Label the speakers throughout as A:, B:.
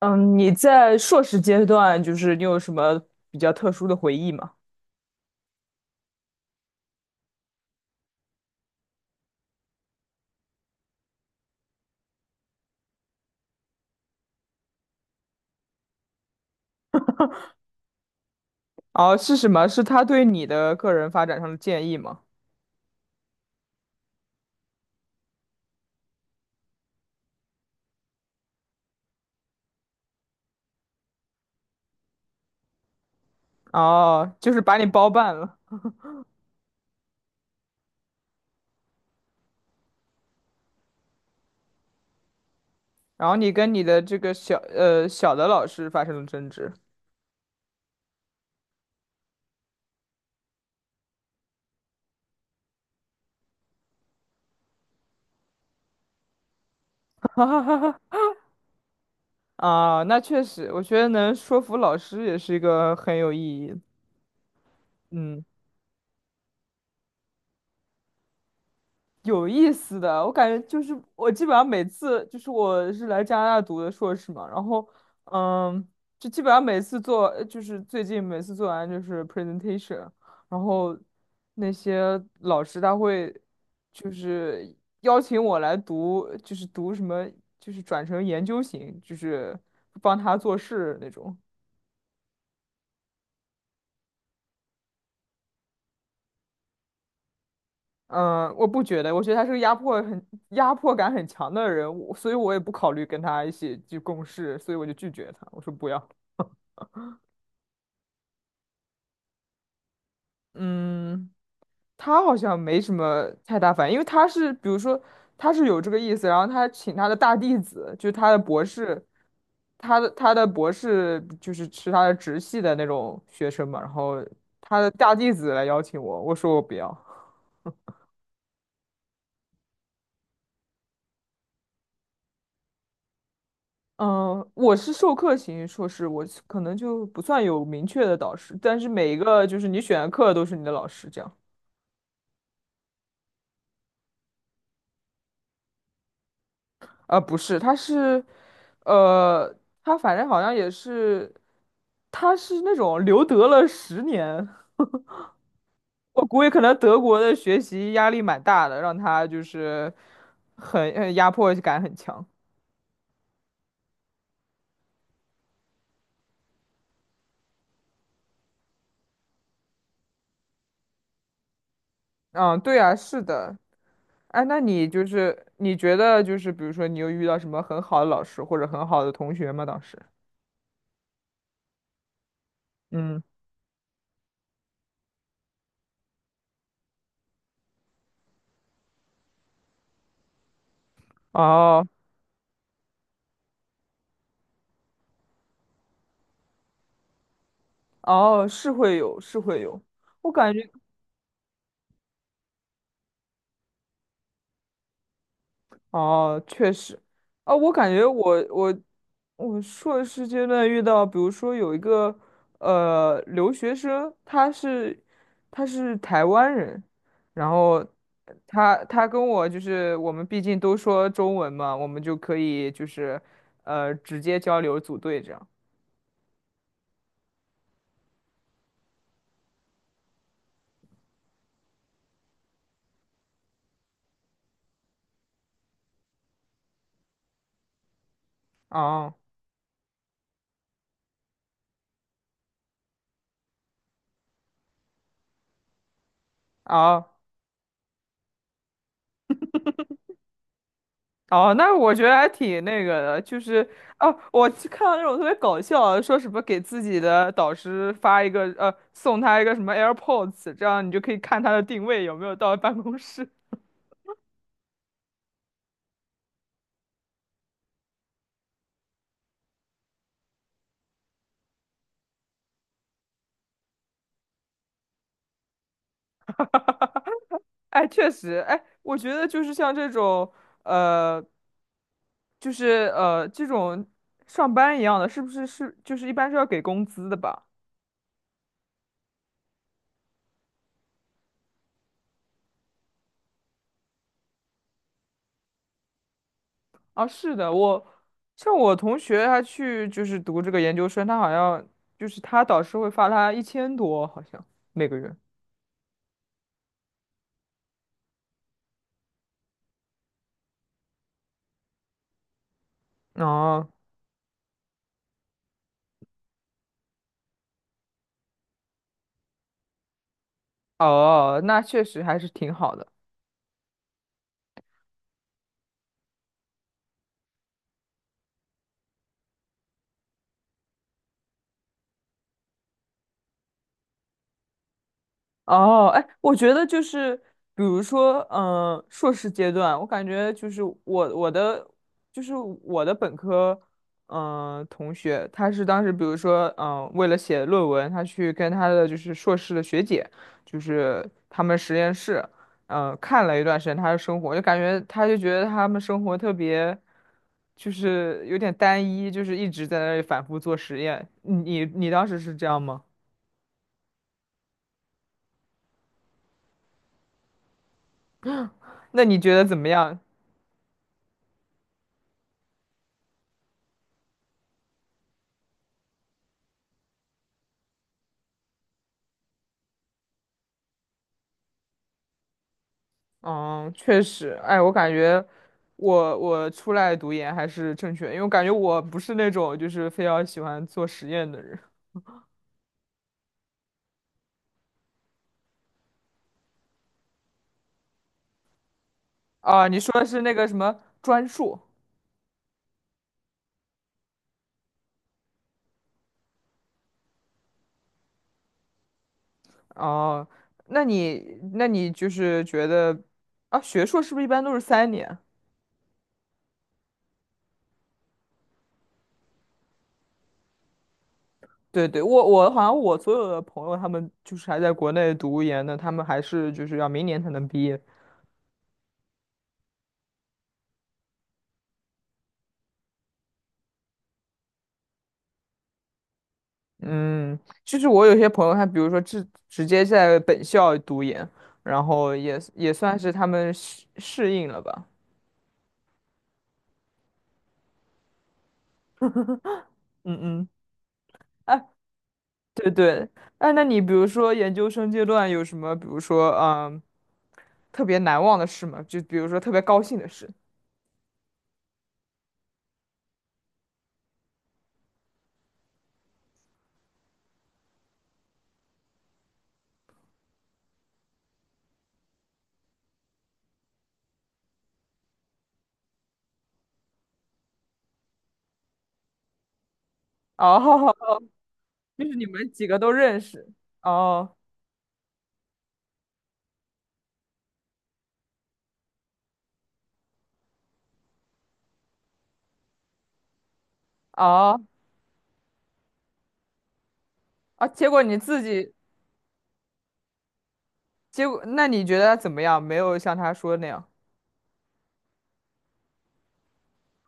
A: 嗯，你在硕士阶段，就是你有什么比较特殊的回忆吗？哦，是什么？是他对你的个人发展上的建议吗？哦，就是把你包办了，然后你跟你的这个小的老师发生了争执。哈哈哈哈啊，那确实，我觉得能说服老师也是一个很有意义的。嗯。有意思的，我感觉就是我基本上每次就是我是来加拿大读的硕士嘛，然后嗯，就基本上每次做就是最近每次做完就是 presentation，然后那些老师他会就是邀请我来读，就是读什么就是转成研究型，就是帮他做事那种。嗯，我不觉得，我觉得他是个压迫感很强的人，所以我也不考虑跟他一起去共事，所以我就拒绝他，我说不要。嗯，他好像没什么太大反应，因为他是比如说他是有这个意思，然后他请他的大弟子，就是他的博士，他的博士就是他的直系的那种学生嘛，然后他的大弟子来邀请我，我说我不要。嗯，我是授课型硕士，我是可能就不算有明确的导师，但是每一个就是你选的课都是你的老师这样。啊、不是，他是，呃，他反正好像也是，他是那种留德了10年，我估计可能德国的学习压力蛮大的，让他就是很压迫感很强。嗯，对啊，是的。哎，那你就是你觉得就是比如说你有遇到什么很好的老师或者很好的同学吗？当时？嗯。哦哦，是会有，是会有。我感觉哦，确实，啊，我感觉我硕士阶段遇到，比如说有一个留学生，他是台湾人，然后他跟我就是我们毕竟都说中文嘛，我们就可以就是直接交流组队这样。哦哦哦，那我觉得还挺那个的，就是哦，我去看到那种特别搞笑的说什么给自己的导师发一个送他一个什么 AirPods，这样你就可以看他的定位有没有到办公室。哎，确实，哎，我觉得就是像这种呃，就是这种上班一样的，是不是是就是一般是要给工资的吧？啊，是的，像我同学他去就是读这个研究生，他好像就是他导师会发他1000多，好像每个月。哦哦，那确实还是挺好的。哦，哎，我觉得就是，比如说，硕士阶段，我感觉就是我的就是我的本科，同学，他是当时比如说，为了写论文，他去跟他的就是硕士的学姐，就是他们实验室，看了一段时间他的生活，就感觉他就觉得他们生活特别，就是有点单一，就是一直在那里反复做实验。你当时是这样吗？那你觉得怎么样？嗯，确实，哎，我感觉我出来读研还是正确，因为我感觉我不是那种就是非常喜欢做实验的人。啊。你说的是那个什么专硕。哦？那你就是觉得啊，学硕是不是一般都是3年？对对，我好像我所有的朋友他们就是还在国内读研的，他们还是就是要明年才能毕业。嗯，就是我有些朋友，他比如说直接在本校读研，然后也算是他们适应了吧。嗯嗯，哎，对对，哎，那你比如说研究生阶段有什么，比如说特别难忘的事吗？就比如说特别高兴的事。哦，就是你们几个都认识。哦哦啊，结果你自己，结果那你觉得他怎么样？没有像他说那样，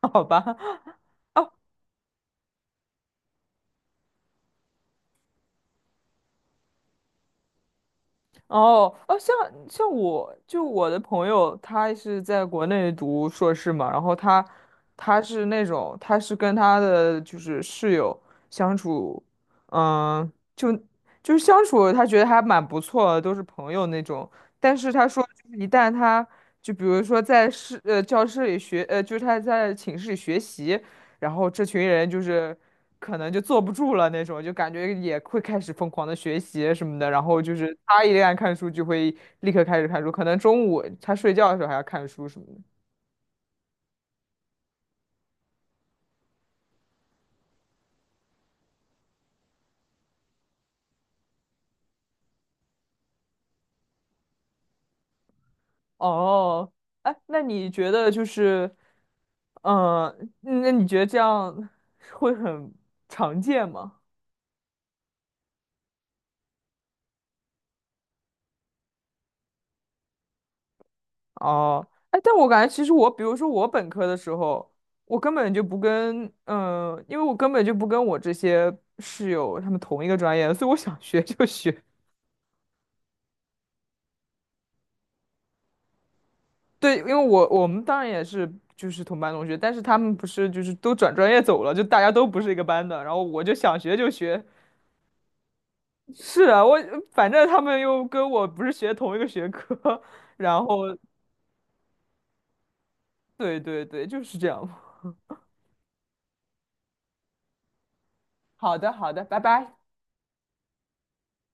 A: 好吧？哦哦，像我就我的朋友，他是在国内读硕士嘛，然后他是那种他是跟他的就是室友相处，嗯，就就是相处，他觉得还蛮不错的都是朋友那种。但是他说，就是一旦他就比如说在教室里学，就是他在寝室里学习，然后这群人就是。可能就坐不住了那种，就感觉也会开始疯狂的学习什么的，然后就是他一旦看书就会立刻开始看书，可能中午他睡觉的时候还要看书什么的。哦，哎，那你觉得就是，那你觉得这样会很常见吗？哦，哎，但我感觉其实我，比如说我本科的时候，我根本就不跟，因为我根本就不跟我这些室友他们同一个专业，所以我想学就学。对，因为我们当然也是就是同班同学，但是他们不是就是都转专业走了，就大家都不是一个班的。然后我就想学就学，是啊，我反正他们又跟我不是学同一个学科，然后对对对，就是这样。好的好的，拜拜。